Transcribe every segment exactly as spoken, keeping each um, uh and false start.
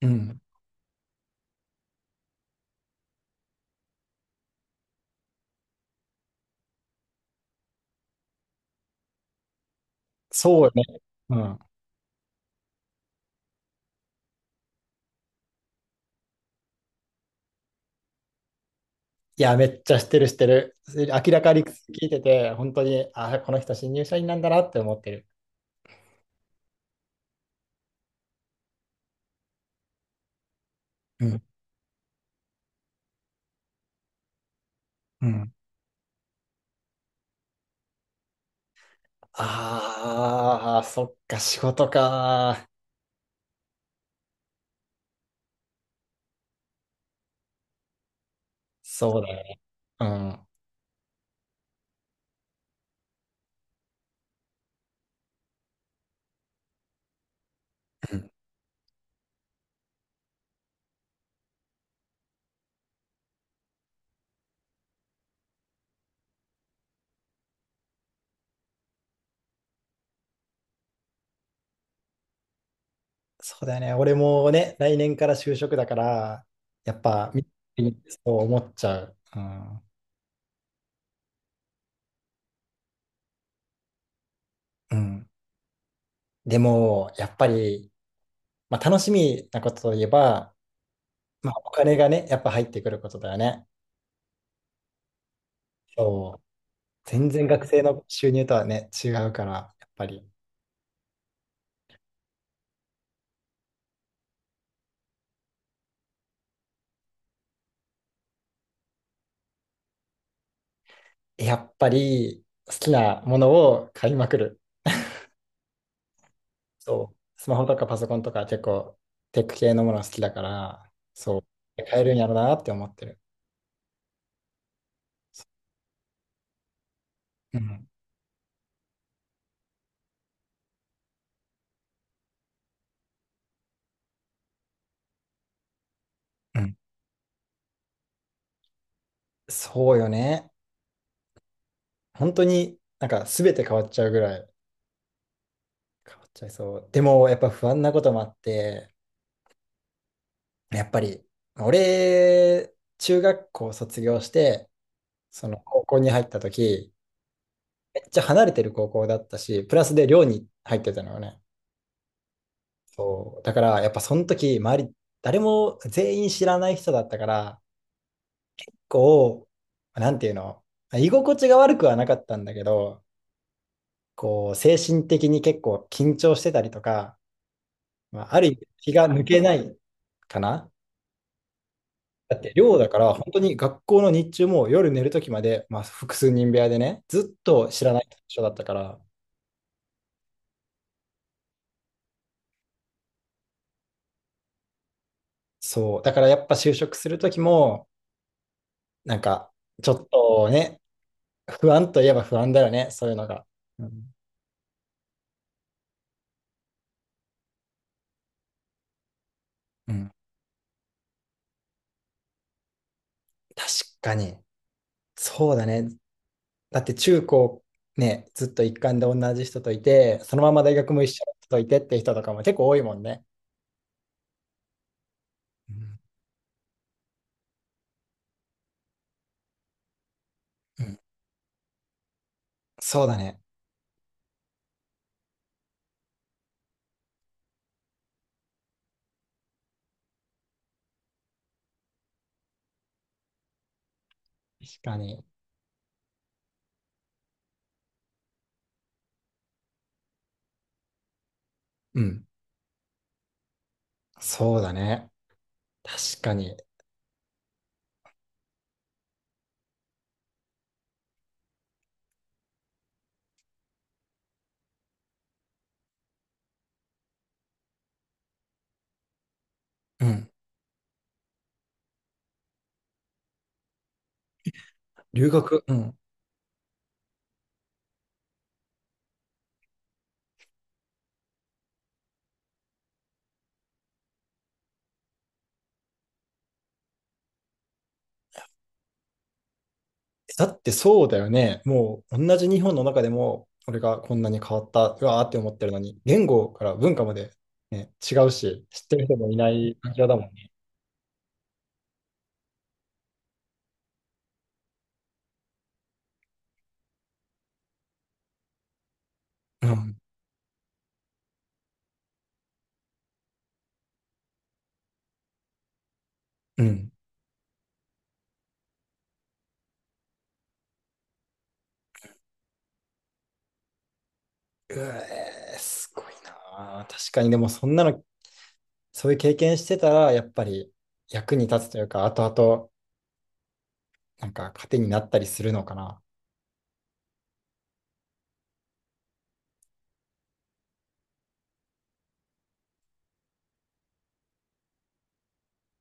うん。そうよね。うん。いや、めっちゃ知ってる知ってる。明らかに聞いてて、本当に、あ、この人新入社員なんだなって思ってる。うん。うん。ああ、そっか、仕事か。そうだよね。うん。うん。そうだよね。俺もね、来年から就職だから、やっぱ、みそう思っちゃう。うん。うん。でも、やっぱり、まあ、楽しみなことといえば、まあ、お金がね、やっぱ入ってくることだよね。そう。全然学生の収入とはね、違うから、やっぱり、やっぱり好きなものを買いまくる。そう。スマホとかパソコンとか結構テック系のもの好きだから、そう。買えるんやろうなって思ってる。うん。うん。そうよね。本当になんか全て変わっちゃうぐらい変わっちゃいそう。でもやっぱ不安なこともあって、やっぱり、俺、中学校卒業して、その高校に入った時、めっちゃ離れてる高校だったし、プラスで寮に入ってたのよね。そう。だから、やっぱその時、周り、誰も全員知らない人だったから、こう、なんていうの、居心地が悪くはなかったんだけど、こう、精神的に結構緊張してたりとか、まあ、ある意味気が抜けないかな。だって寮だから本当に学校の日中も夜寝る時まで、まあ、複数人部屋でねずっと知らない人だったから。そうだからやっぱ就職する時も、なんか、ちょっとね、不安といえば不安だよね、そういうのが。うん。うん、確かに。そうだね。だって中高ね、ずっと一貫で同じ人といて、そのまま大学も一緒の人といてって人とかも結構多いもんね。うん。うん、そうだね。確かに。うん。そうだね。確かに。うん。留学。うん。だってそうだよね。もう同じ日本の中でも、俺がこんなに変わった、うわーって思ってるのに、言語から文化まで、ね、違うし、知ってる人もいない感じだもんね。うん。うん。うえー、すごいなー。確かに、でもそんなの、そういう経験してたら、やっぱり役に立つというか、後々、なんか糧になったりするのかな。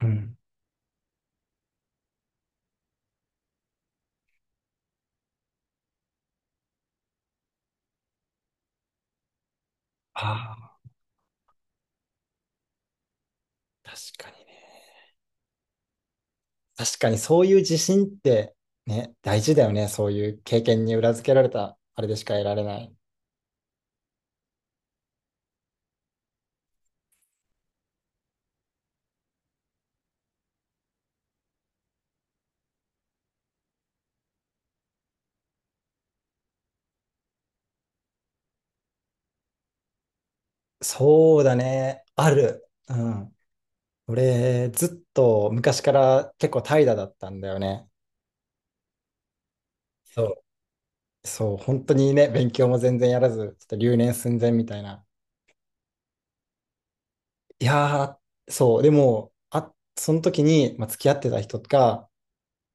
うん。ああ、確かにね。確かにそういう自信って、ね、大事だよね。そういう経験に裏付けられた、あれでしか得られない。そうだね。ある。うん。俺、ずっと昔から結構怠惰だったんだよね。そう。そう、本当にね、勉強も全然やらず、ちょっと留年寸前みたいな。いやー、そう、でも、あ、その時に、まあ、付き合ってた人が、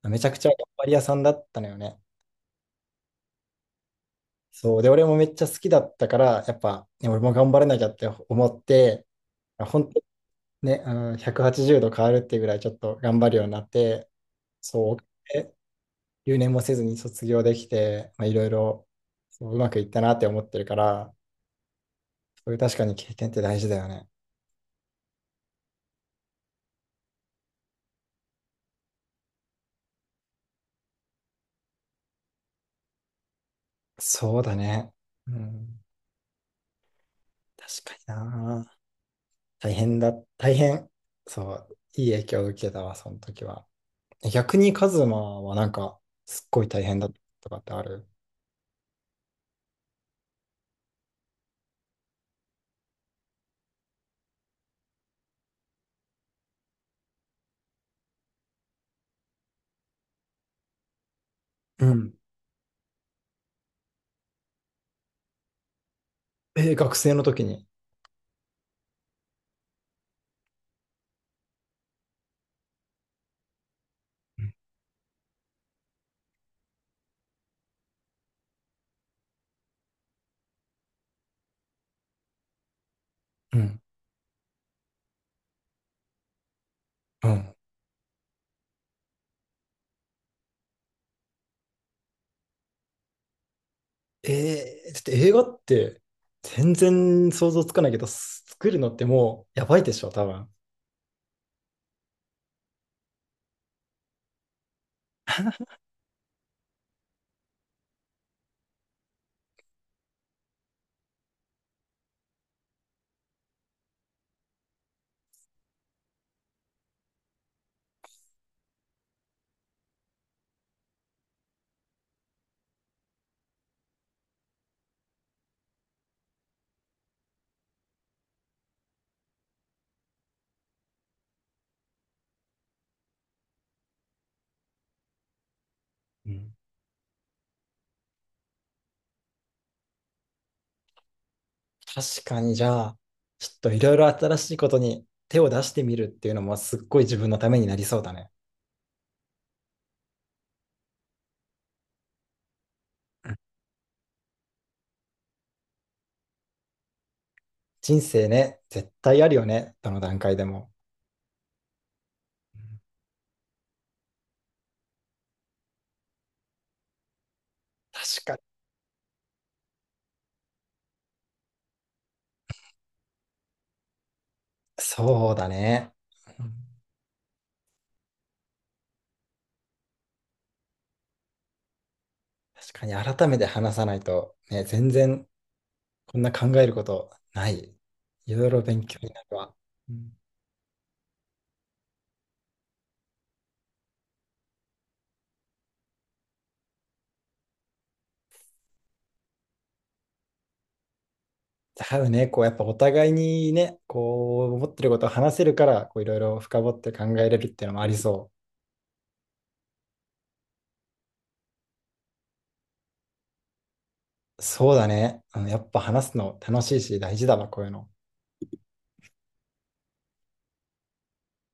めちゃくちゃ頑張り屋さんだったのよね。そう、で、俺もめっちゃ好きだったから、やっぱ、ね、俺も頑張らなきゃって思って、本当にね、あのひゃくはちじゅうど変わるっていうぐらいちょっと頑張るようになって、そう、留年もせずに卒業できて、まあ、いろいろそううまくいったなって思ってるから、そういう確かに経験って大事だよね。そうだね。うん。確かにな。大変だ。大変。そう。いい影響を受けたわ、その時は。逆にカズマはなんか、すっごい大変だったとかってある。うん。えー、学生の時に。うん。うん。えー、だって映画って全然想像つかないけど、作るのってもうやばいでしょ、多分。うん。確かに、じゃあ、ちょっといろいろ新しいことに手を出してみるっていうのもすっごい自分のためになりそうだね。人生ね、絶対あるよね、どの段階でも。うん。確かに、そうだね。うん。確かに、改めて話さないと、ね、全然こんな考えることない。いろいろ勉強になるわ。うん。だよね、こうやっぱお互いにね、こう思ってることを話せるから、こういろいろ深掘って考えれるっていうのもありそう。そうだね。うん。やっぱ話すの楽しいし大事だわ、こういうの。